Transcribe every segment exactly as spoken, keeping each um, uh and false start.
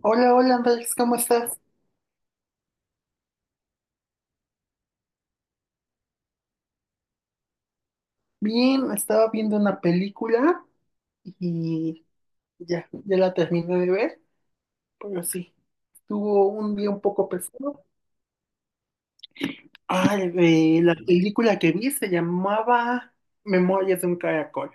Hola, hola Andrés, ¿cómo estás? Bien, estaba viendo una película y ya, ya la terminé de ver, pero sí, tuvo un día un poco pesado. Ah, eh, la película que vi se llamaba Memorias de un Caracol.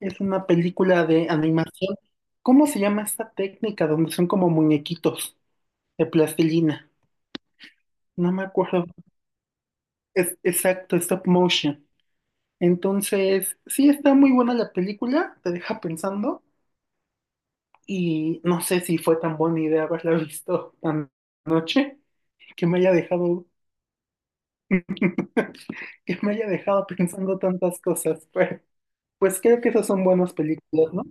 Es una película de animación. ¿Cómo se llama esta técnica donde son como muñequitos de plastilina? No me acuerdo. Es exacto, stop motion. Entonces, sí está muy buena la película, te deja pensando. Y no sé si fue tan buena idea haberla visto tan noche que me haya dejado, que me haya dejado pensando tantas cosas. Pero, pues creo que esas son buenas películas, ¿no?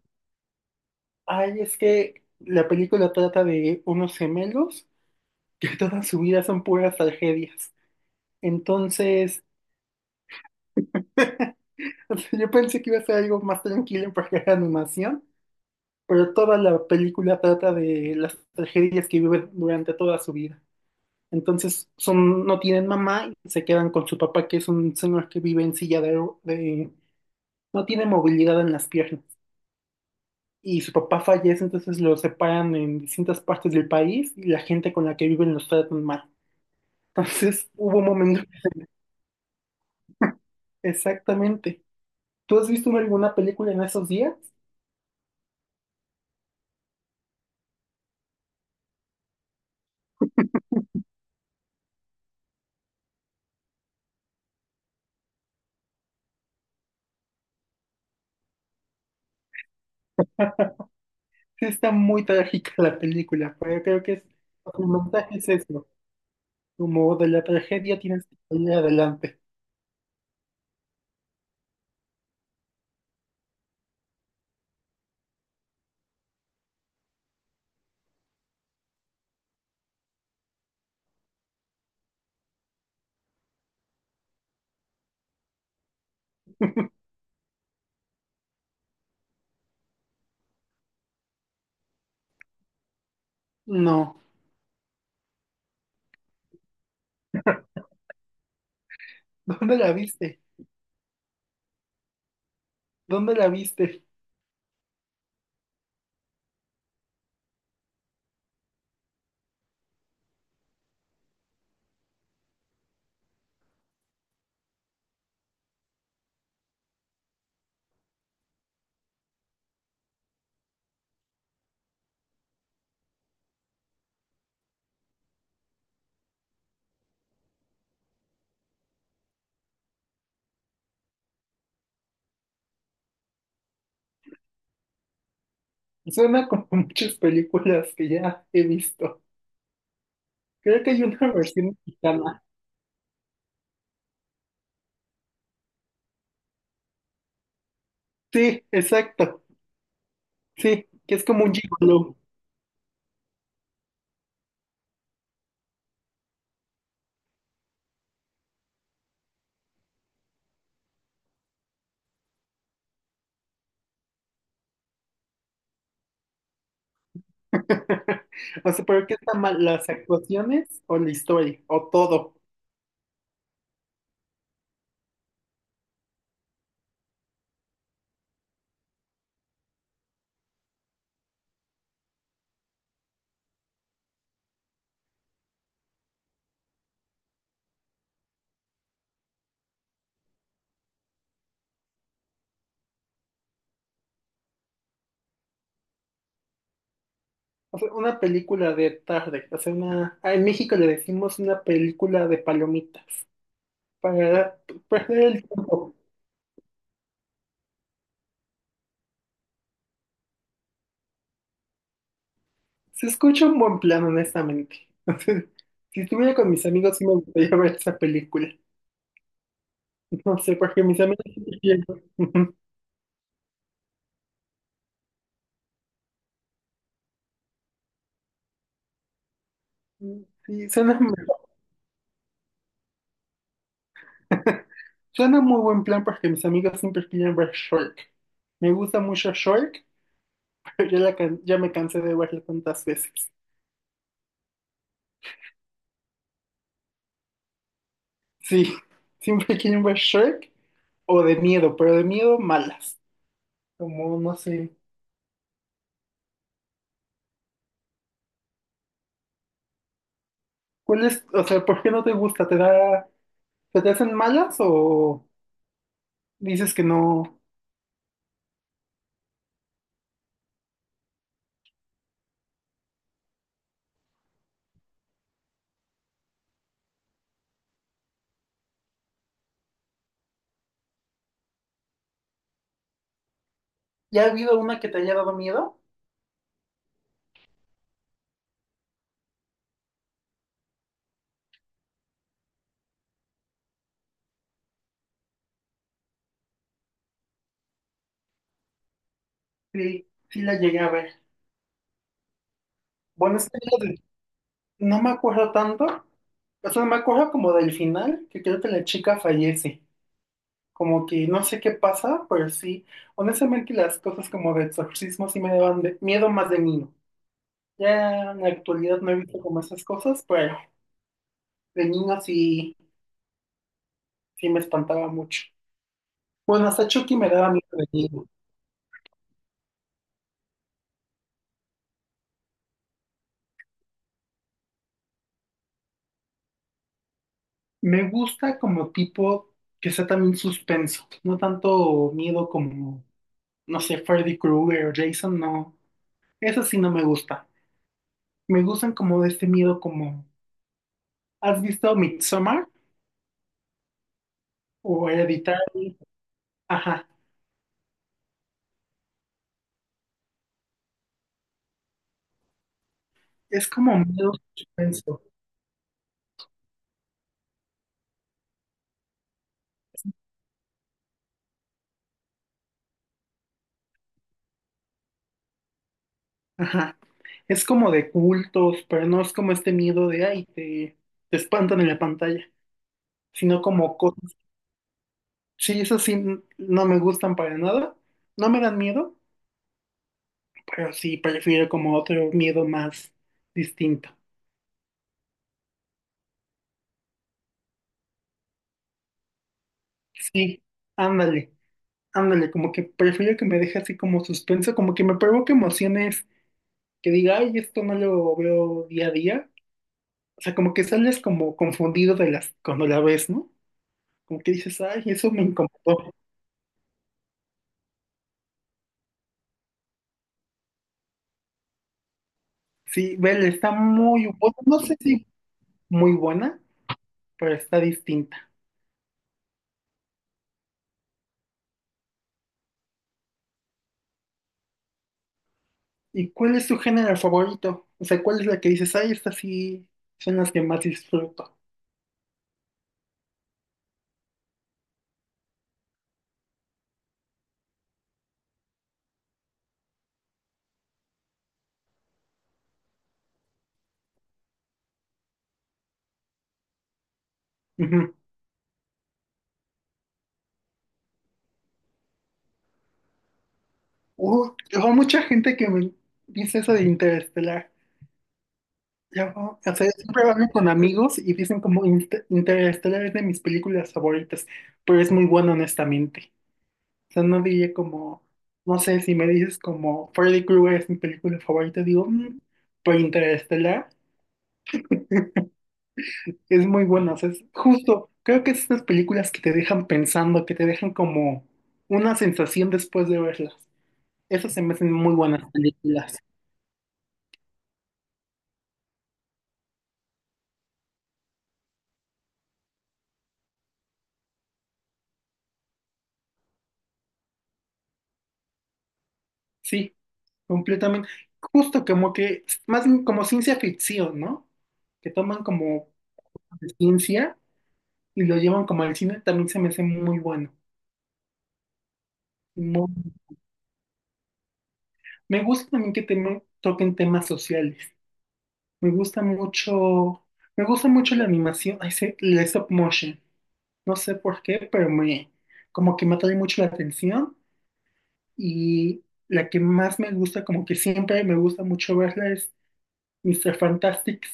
Ay, es que la película trata de unos gemelos que toda su vida son puras tragedias. Entonces, o sea, yo pensé que iba a ser algo más tranquilo porque era animación, pero toda la película trata de las tragedias que viven durante toda su vida. Entonces son, no tienen mamá y se quedan con su papá, que es un señor que vive en silla de, ru- de- no tiene movilidad en las piernas. Y su papá fallece, entonces lo separan en distintas partes del país y la gente con la que viven los tratan mal. Entonces hubo un momento. Exactamente. ¿Tú has visto alguna película en esos días? Sí, está muy trágica la película, pero creo que es, el mensaje es eso. Como de la tragedia tienes que salir adelante. No. ¿Dónde la viste? ¿Dónde la viste? Suena como muchas películas que ya he visto. Creo que hay una versión mexicana. Sí, exacto. Sí, que es como un gigolo. O sea, pero ¿qué está mal? ¿Las actuaciones o la historia? ¿O todo? O sea, una película de tarde. O sea, una ah, en México le decimos una película de palomitas. Para perder el tiempo. Se escucha un buen plan, honestamente. O sea, si estuviera con mis amigos, sí me gustaría ver esa película. No sé, porque mis amigos Sí, suena, suena muy buen plan porque mis amigos siempre piden ver Shrek. Me gusta mucho Shrek, pero ya, la can- ya me cansé de verla tantas veces. Sí, siempre quieren ver Shrek o de miedo, pero de miedo malas. Como, no sé. ¿Cuál es, o sea, por qué no te gusta? ¿Te da, se te hacen malas o dices que no? ¿Ya ha habido una que te haya dado miedo? Sí, sí la llegué a ver. Bueno, es que no me acuerdo tanto. O sea, me acuerdo como del final, que creo que la chica fallece. Como que no sé qué pasa, pero sí. Honestamente, las cosas como de exorcismo sí me daban de- miedo más de niño. Ya en la actualidad no he visto como esas cosas, pero de niño sí, sí me espantaba mucho. Bueno, hasta Chucky me daba miedo de niño. Me gusta como tipo que sea también suspenso. No tanto miedo como, no sé, Freddy Krueger o Jason, no. Eso sí no me gusta. Me gustan como de este miedo como, ¿has visto Midsommar o Hereditar? Ajá, es como miedo suspenso. Ajá, es como de cultos, pero no es como este miedo de, ay, te, te espantan en la pantalla, sino como cosas. Sí, eso sí, n- no me gustan para nada, no me dan miedo, pero sí prefiero como otro miedo más distinto. Sí, ándale, ándale, como que prefiero que me deje así como suspenso, como que me provoque emociones que diga, ay, esto no lo veo día a día. O sea, como que sales como confundido de las, cuando la ves, ¿no? Como que dices, ay, eso me incomodó. Sí, Belle está muy buena, no sé si muy buena, pero está distinta. ¿Y cuál es tu género favorito? O sea, ¿cuál es la que dices, ay, estas sí son las que más disfruto? Ujú. Uh, hay mucha gente que me dice eso de Interestelar. Ya va. O sea, siempre hablo con amigos y dicen como: "Inter- Interestelar es de mis películas favoritas", pero es muy bueno honestamente. O sea, no diría como, no sé, si me dices como Freddy Krueger es mi película favorita, digo: "Mm", pero Interestelar es muy bueno. O sea, es justo, creo que es estas películas que te dejan pensando, que te dejan como una sensación después de verlas. Esas se me hacen muy buenas películas. Sí, completamente. Justo como que, más bien como ciencia ficción, ¿no? Que toman como de ciencia y lo llevan como al cine, también se me hace muy bueno. Muy- Me gusta también que temo- toquen temas sociales. Me gusta mucho, me gusta mucho la animación, ay, sí, la stop motion. No sé por qué, pero me, como que me atrae mucho la atención y la que más me gusta, como que siempre me gusta mucho verla es Mister Fantastic.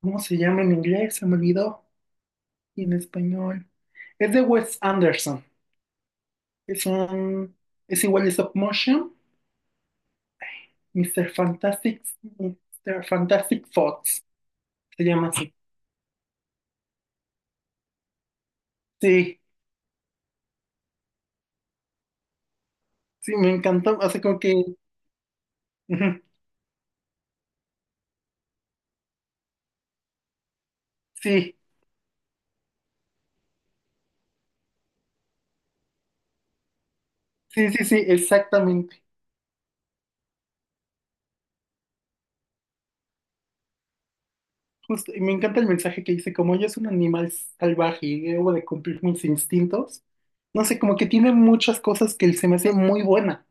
¿Cómo se llama en inglés? Se me olvidó. Y en español. Es de Wes Anderson. Es un. Es igual de stop motion. Mister Fantastic. Mister Fantastic Fox. Se llama así. Sí, sí, me encantó. O sea, como que ujú, sí, sí, sí, sí, exactamente. Justo. Y me encanta el mensaje que dice: como yo soy un animal salvaje y debo de cumplir mis instintos. No sé, como que tiene muchas cosas que se me hace muy buena.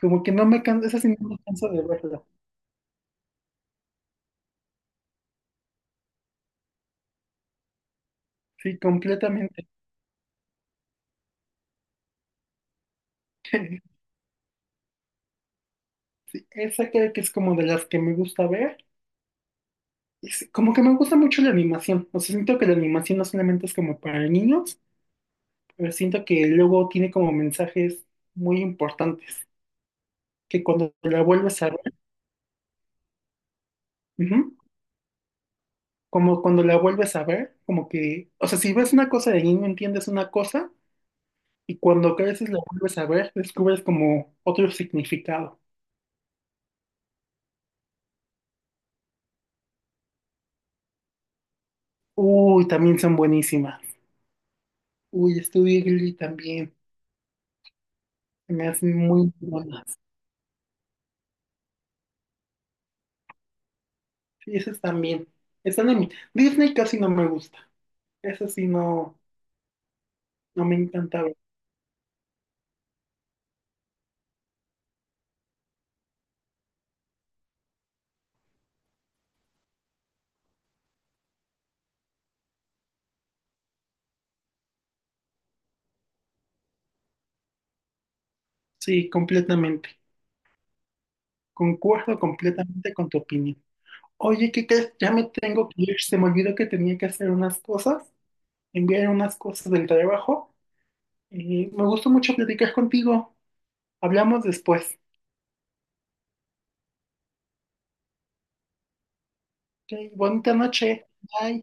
Como que no me canso. Esa sí no me canso de verla. Sí, completamente. Esa creo que es como de las que me gusta ver. Es- como que me gusta mucho la animación. O sea, siento que la animación no solamente es como para niños, pero siento que luego tiene como mensajes muy importantes. Que cuando la vuelves a ver, ujú, como cuando la vuelves a ver, como que, o sea, si ves una cosa de niño entiendes una cosa y cuando creces la vuelves a ver, descubres como otro significado. Uy, también son buenísimas. Uy, Studio Ghibli también. Se me hace muy buena. Sí, esas también. Están en mi Disney casi no me gusta. Esa sí no, no me encanta ver. Sí, completamente. Concuerdo completamente con tu opinión. Oye, ¿qué crees? Ya me tengo que ir. Se me olvidó que tenía que hacer unas cosas, enviar unas cosas del trabajo. Y me gustó mucho platicar contigo. Hablamos después. Ok, bonita noche. Bye.